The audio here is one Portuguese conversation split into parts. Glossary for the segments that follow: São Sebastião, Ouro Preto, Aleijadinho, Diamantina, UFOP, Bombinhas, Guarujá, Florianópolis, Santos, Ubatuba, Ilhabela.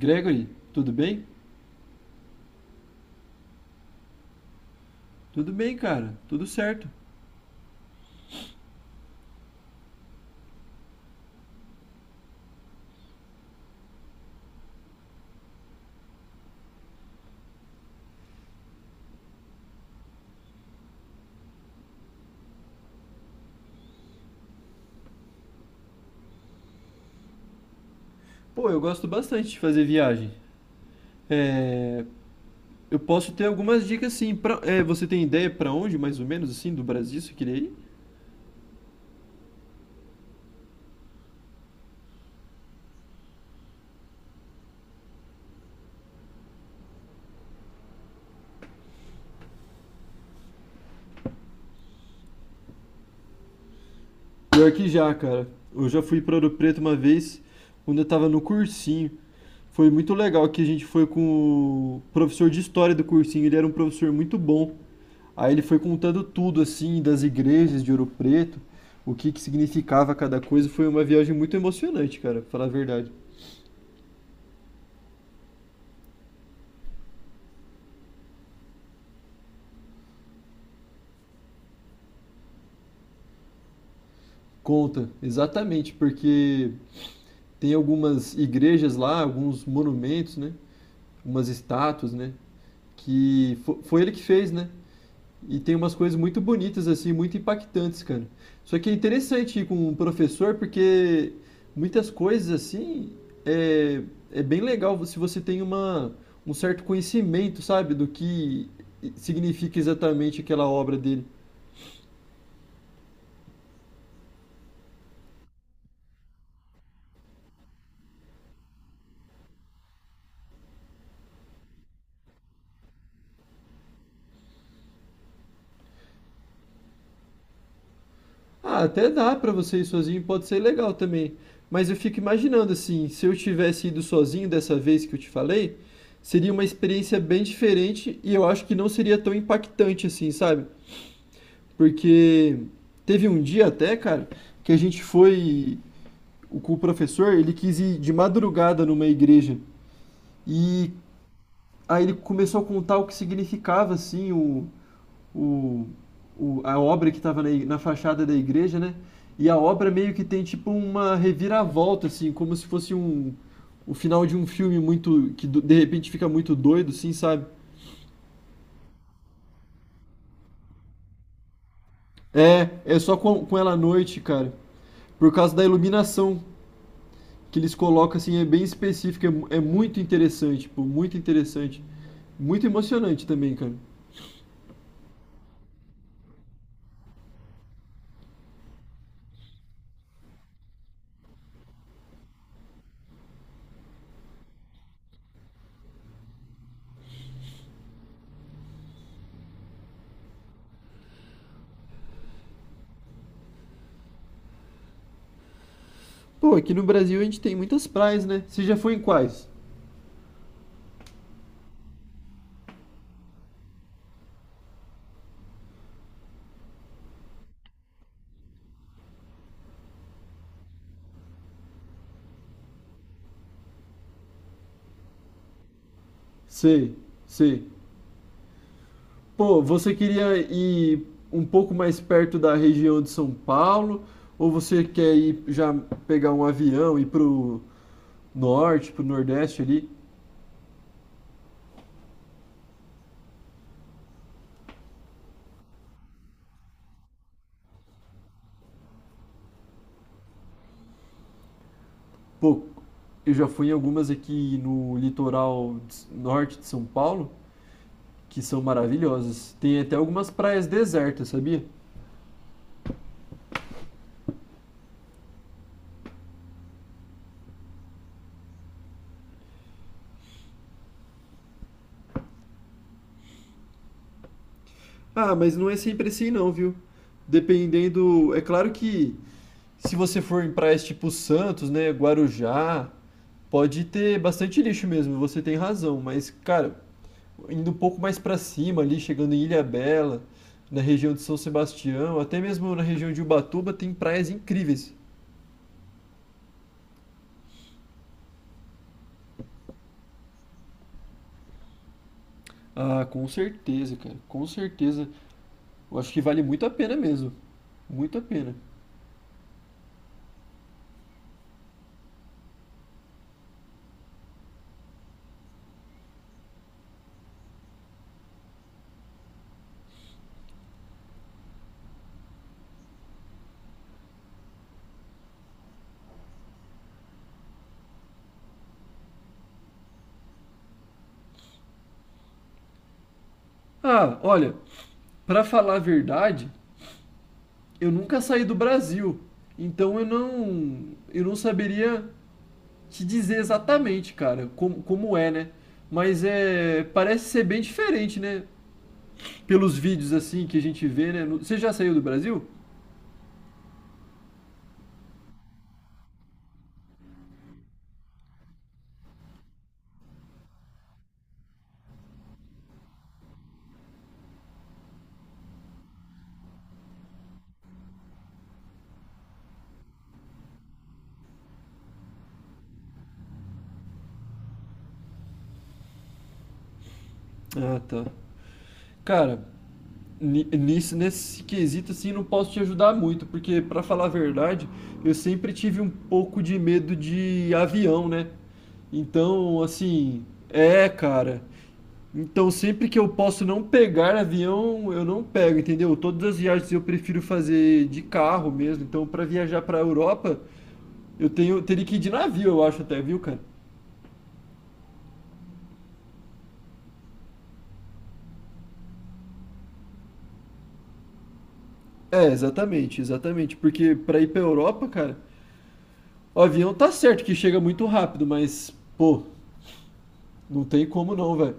Gregory, tudo bem? Tudo bem, cara. Tudo certo. Pô, eu gosto bastante de fazer viagem. Eu posso ter algumas dicas, sim. Pra, é, você tem ideia pra onde, mais ou menos, assim, do Brasil, você queria ir? Pior que já, cara. Eu já fui pra Ouro Preto uma vez, quando eu tava no cursinho. Foi muito legal que a gente foi com o professor de história do cursinho. Ele era um professor muito bom. Aí ele foi contando tudo, assim, das igrejas de Ouro Preto, o que que significava cada coisa. Foi uma viagem muito emocionante, cara, pra falar a verdade. Conta, exatamente, porque tem algumas igrejas lá, alguns monumentos, né? Umas estátuas, né? Que foi ele que fez, né? E tem umas coisas muito bonitas, assim, muito impactantes, cara. Só que é interessante ir com um professor, porque muitas coisas, assim, é, é bem legal se você tem uma, um certo conhecimento, sabe? Do que significa exatamente aquela obra dele. Ah, até dá pra você ir sozinho, pode ser legal também. Mas eu fico imaginando assim, se eu tivesse ido sozinho dessa vez que eu te falei, seria uma experiência bem diferente e eu acho que não seria tão impactante assim, sabe? Porque teve um dia até, cara, que a gente foi com o professor, ele quis ir de madrugada numa igreja e aí ele começou a contar o que significava assim o, a obra que estava na fachada da igreja, né? E a obra meio que tem tipo uma reviravolta, assim, como se fosse um, o final de um filme muito, que de repente fica muito doido, assim, sabe? É, é só com ela à noite, cara. Por causa da iluminação que eles colocam, assim, é bem específica, é, é muito interessante, pô, muito interessante. Muito emocionante também, cara. Pô, aqui no Brasil a gente tem muitas praias, né? Você já foi em quais? Sei, sei. Pô, você queria ir um pouco mais perto da região de São Paulo, ou você quer ir já pegar um avião e ir pro norte, pro nordeste ali? Pô, eu já fui em algumas aqui no litoral de norte de São Paulo, que são maravilhosas. Tem até algumas praias desertas, sabia? Ah, mas não é sempre assim não, viu? Dependendo, é claro que se você for em praias tipo Santos, né, Guarujá, pode ter bastante lixo mesmo, você tem razão, mas cara, indo um pouco mais pra cima ali, chegando em Ilhabela, na região de São Sebastião, até mesmo na região de Ubatuba tem praias incríveis. Ah, com certeza, cara, com certeza. Eu acho que vale muito a pena mesmo. Muito a pena. Ah, olha, pra falar a verdade, eu nunca saí do Brasil, então eu não saberia te dizer exatamente, cara, como é, né? Mas é, parece ser bem diferente, né? Pelos vídeos assim que a gente vê, né? Você já saiu do Brasil? Ah, tá. Cara, nisso, nesse quesito assim, não posso te ajudar muito, porque pra falar a verdade, eu sempre tive um pouco de medo de avião, né? Então, assim, é, cara. Então, sempre que eu posso não pegar avião, eu não pego, entendeu? Todas as viagens eu prefiro fazer de carro mesmo. Então, para viajar para Europa, eu tenho teria que ir de navio, eu acho até, viu, cara? É, exatamente, exatamente. Porque para ir para Europa, cara, o avião tá certo que chega muito rápido, mas pô, não tem como não, velho.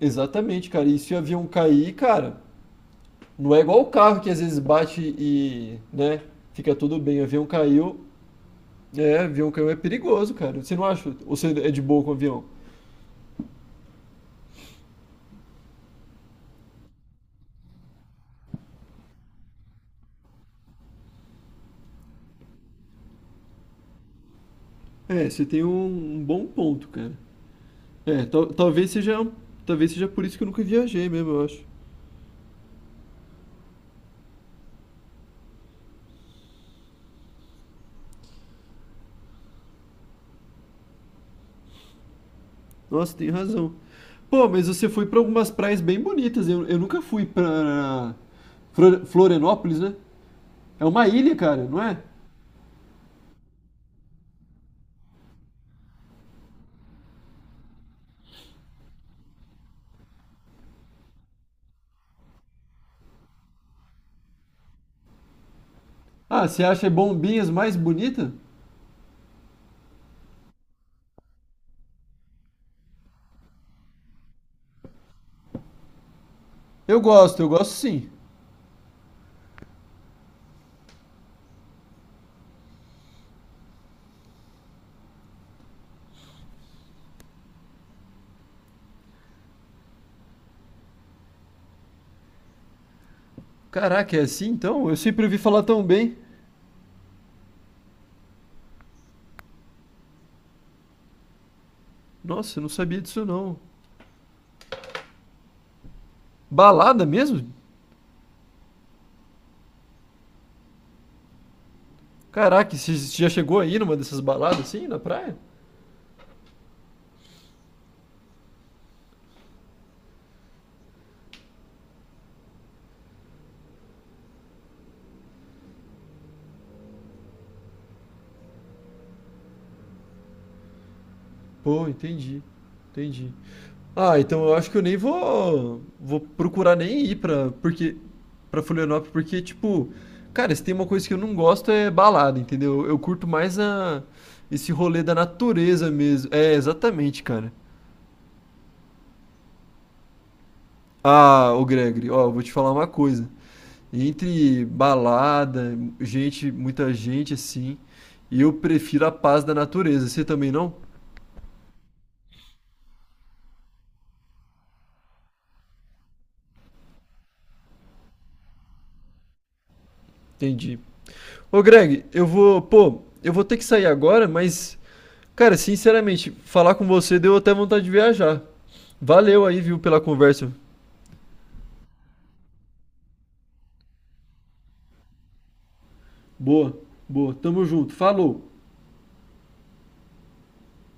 Exatamente, cara. E se o avião cair, cara, não é igual o carro que às vezes bate e, né, fica tudo bem. O avião caiu, é, avião caiu é perigoso, cara. Você não acha? Ou você é de boa com avião? É, você tem um, um bom ponto, cara. É, talvez seja por isso que eu nunca viajei mesmo, eu acho. Nossa, tem razão. Pô, mas você foi pra algumas praias bem bonitas. Eu nunca fui pra Florianópolis, né? É uma ilha, cara, não é? Ah, você acha Bombinhas mais bonita? Eu gosto sim. Caraca, é assim então? Eu sempre ouvi falar tão bem. Nossa, eu não sabia disso não. Balada mesmo? Caraca, você já chegou aí numa dessas baladas assim, na praia? Pô, entendi. Entendi. Ah, então eu acho que eu nem vou procurar nem ir pra, porque para Florianópolis, porque tipo, cara, se tem uma coisa que eu não gosto é balada, entendeu? Eu curto mais a esse rolê da natureza mesmo. É, exatamente, cara. Ah, ô Gregory, ó, eu vou te falar uma coisa. Entre balada, gente, muita gente assim, eu prefiro a paz da natureza. Você também não? Entendi. Ô Greg, eu vou, pô, eu vou ter que sair agora, mas, cara, sinceramente, falar com você deu até vontade de viajar. Valeu aí, viu, pela conversa. Boa, boa. Tamo junto. Falou.